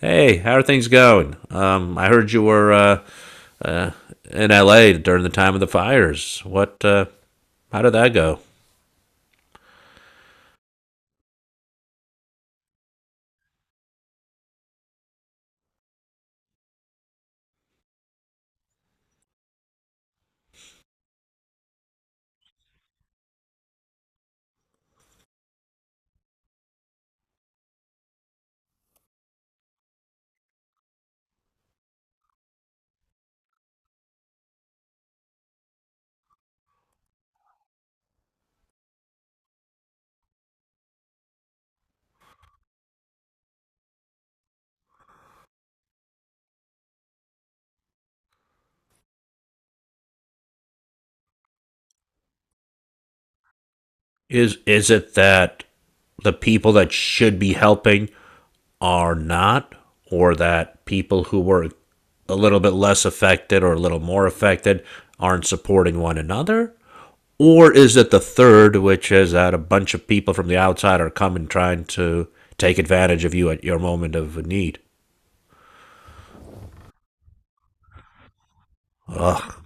Hey, how are things going? I heard you were uh, in LA during the time of the fires. What? How did that go? Is it that the people that should be helping are not, or that people who were a little bit less affected or a little more affected aren't supporting one another? Or is it the third, which is that a bunch of people from the outside are coming trying to take advantage of you at your moment of need? Ugh.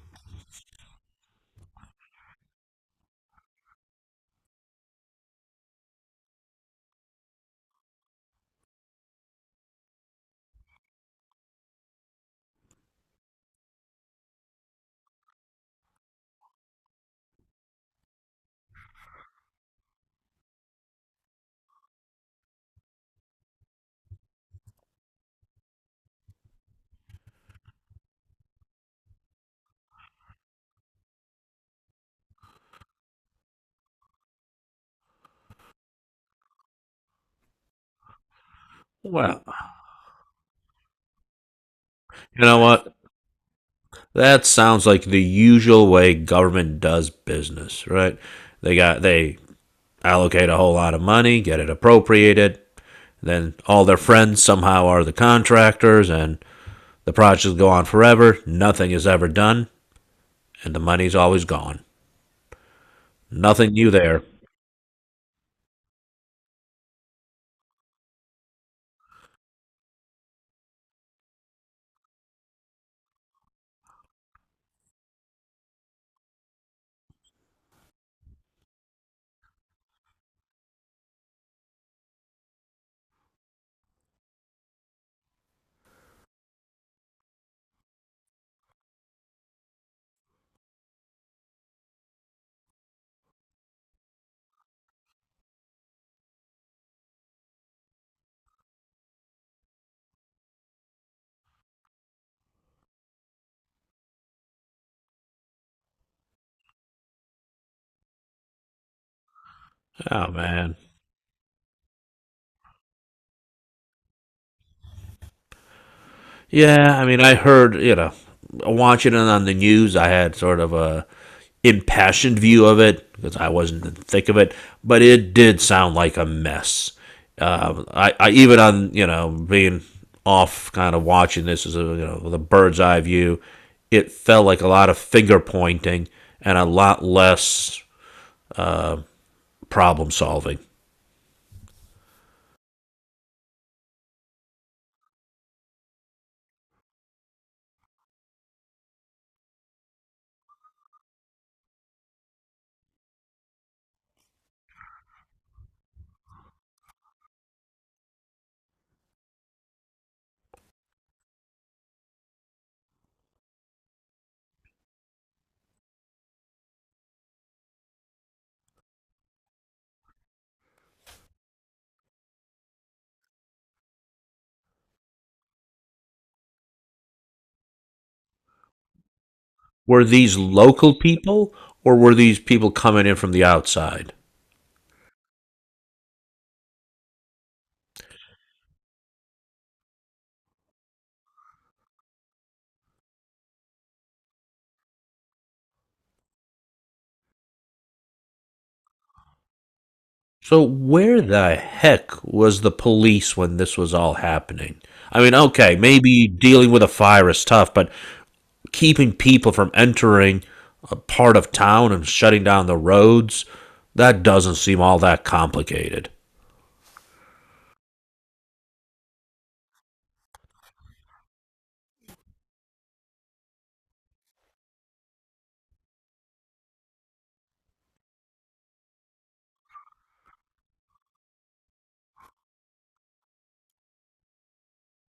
Well, you know what? That sounds like the usual way government does business, right? They allocate a whole lot of money, get it appropriated, then all their friends somehow are the contractors and the projects go on forever, nothing is ever done, and the money's always gone. Nothing new there. Oh man. Yeah, I mean, I heard, watching it on the news, I had sort of a impassioned view of it because I wasn't in the thick of it, but it did sound like a mess. I even on being off, kind of watching this as a with a bird's eye view, it felt like a lot of finger pointing and a lot less uh, problem solving. Were these local people or were these people coming in from the outside? So where the heck was the police when this was all happening? I mean, okay, maybe dealing with a fire is tough, but keeping people from entering a part of town and shutting down the roads, that doesn't seem all that complicated.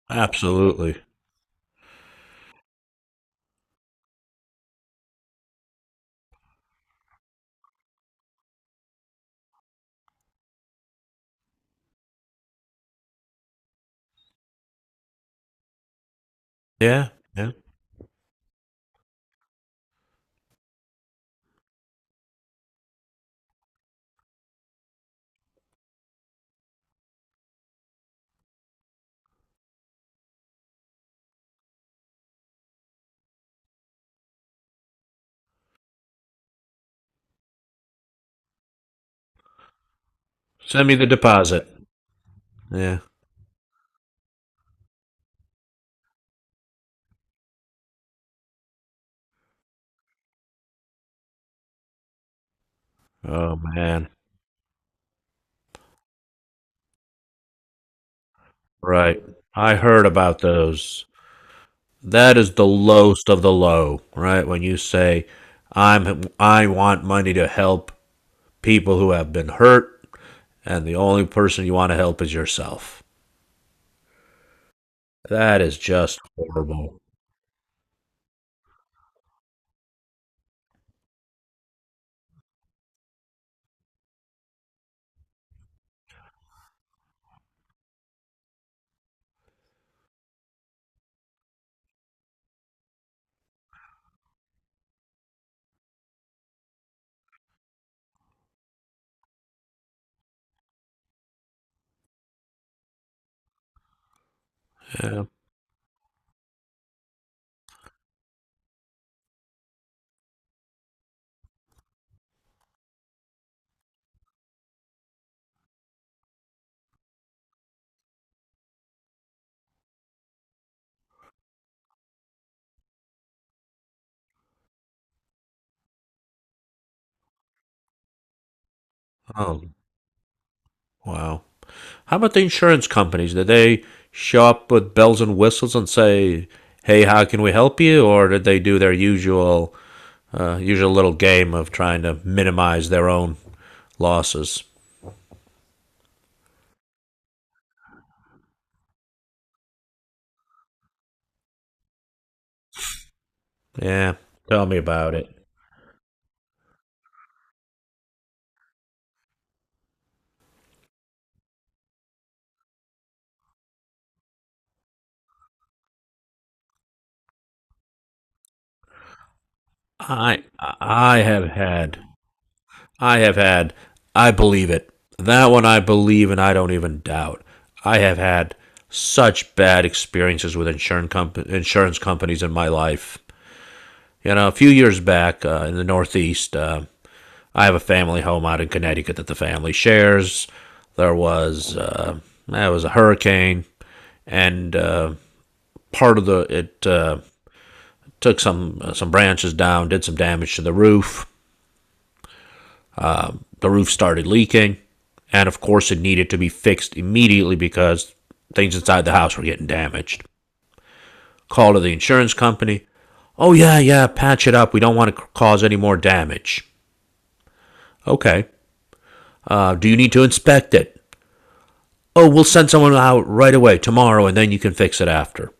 Absolutely. Yeah, yeah. Send me the deposit. Yeah. Oh man. Right. I heard about those. That is the lowest of the low, right? When you say I'm I want money to help people who have been hurt, and the only person you want to help is yourself. That is just horrible. Yeah. Oh, wow. How about the insurance companies? Did they show up with bells and whistles and say, "Hey, how can we help you?" Or did they do their usual little game of trying to minimize their own losses? Yeah. Tell me about it. I I have had I have had, I believe it. That one I believe and I don't even doubt. I have had such bad experiences with insurance, insurance companies in my life. You know, a few years back in the Northeast, I have a family home out in Connecticut that the family shares. There was uh, there was a hurricane, and part of the it took some branches down, did some damage to the roof. The roof started leaking, and of course, it needed to be fixed immediately because things inside the house were getting damaged. Call to the insurance company. Oh, yeah, yeah, patch it up. We don't want to cause any more damage. Okay. Do you need to inspect it? Oh, we'll send someone out right away tomorrow and then you can fix it after.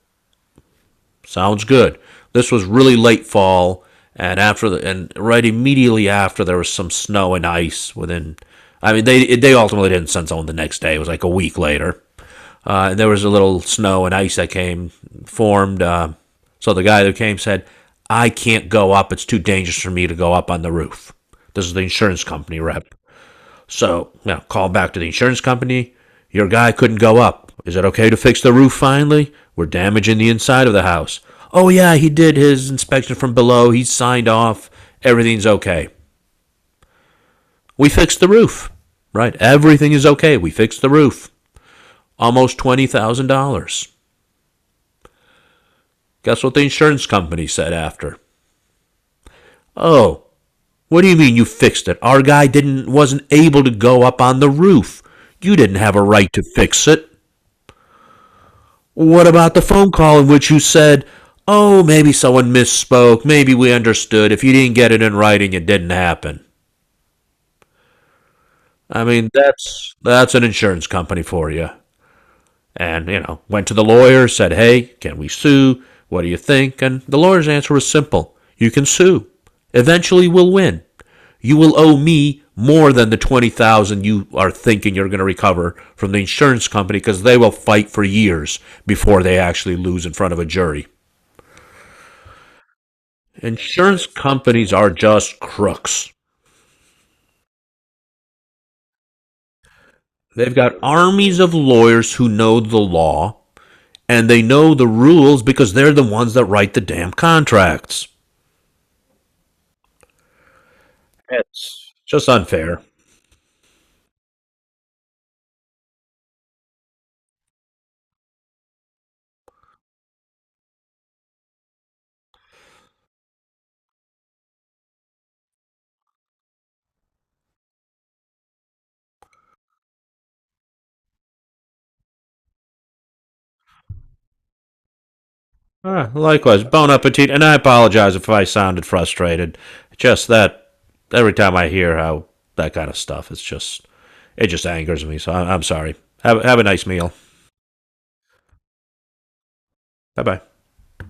Sounds good. This was really late fall and after the and right immediately after there was some snow and ice within they ultimately didn't send someone the next day. It was like a week later. There was a little snow and ice that came formed. So the guy who came said, "I can't go up. It's too dangerous for me to go up on the roof." This is the insurance company rep. So call back to the insurance company. Your guy couldn't go up. Is it okay to fix the roof finally? We're damaging the inside of the house. Oh yeah, he did his inspection from below. He signed off. Everything's okay. We fixed the roof. Right. Everything is okay. We fixed the roof. Almost $20,000. Guess what the insurance company said after. Oh, what do you mean you fixed it? Our guy didn't wasn't able to go up on the roof. You didn't have a right to fix it. What about the phone call in which you said, "Oh, maybe someone misspoke. Maybe we understood. If you didn't get it in writing, it didn't happen." I mean, that's an insurance company for you. And, you know, went to the lawyer, said, hey, can we sue? What do you think? And the lawyer's answer was simple, you can sue. Eventually, we'll win. You will owe me more than the 20,000 you are thinking you're going to recover from the insurance company because they will fight for years before they actually lose in front of a jury. Insurance companies are just crooks. They've got armies of lawyers who know the law and they know the rules because they're the ones that write the damn contracts. It's just unfair. All right, likewise, bon appetit, and I apologize if I sounded frustrated. Just that every time I hear how that kind of stuff, it's just it just angers me. So I'm sorry. Have a nice meal. Bye bye.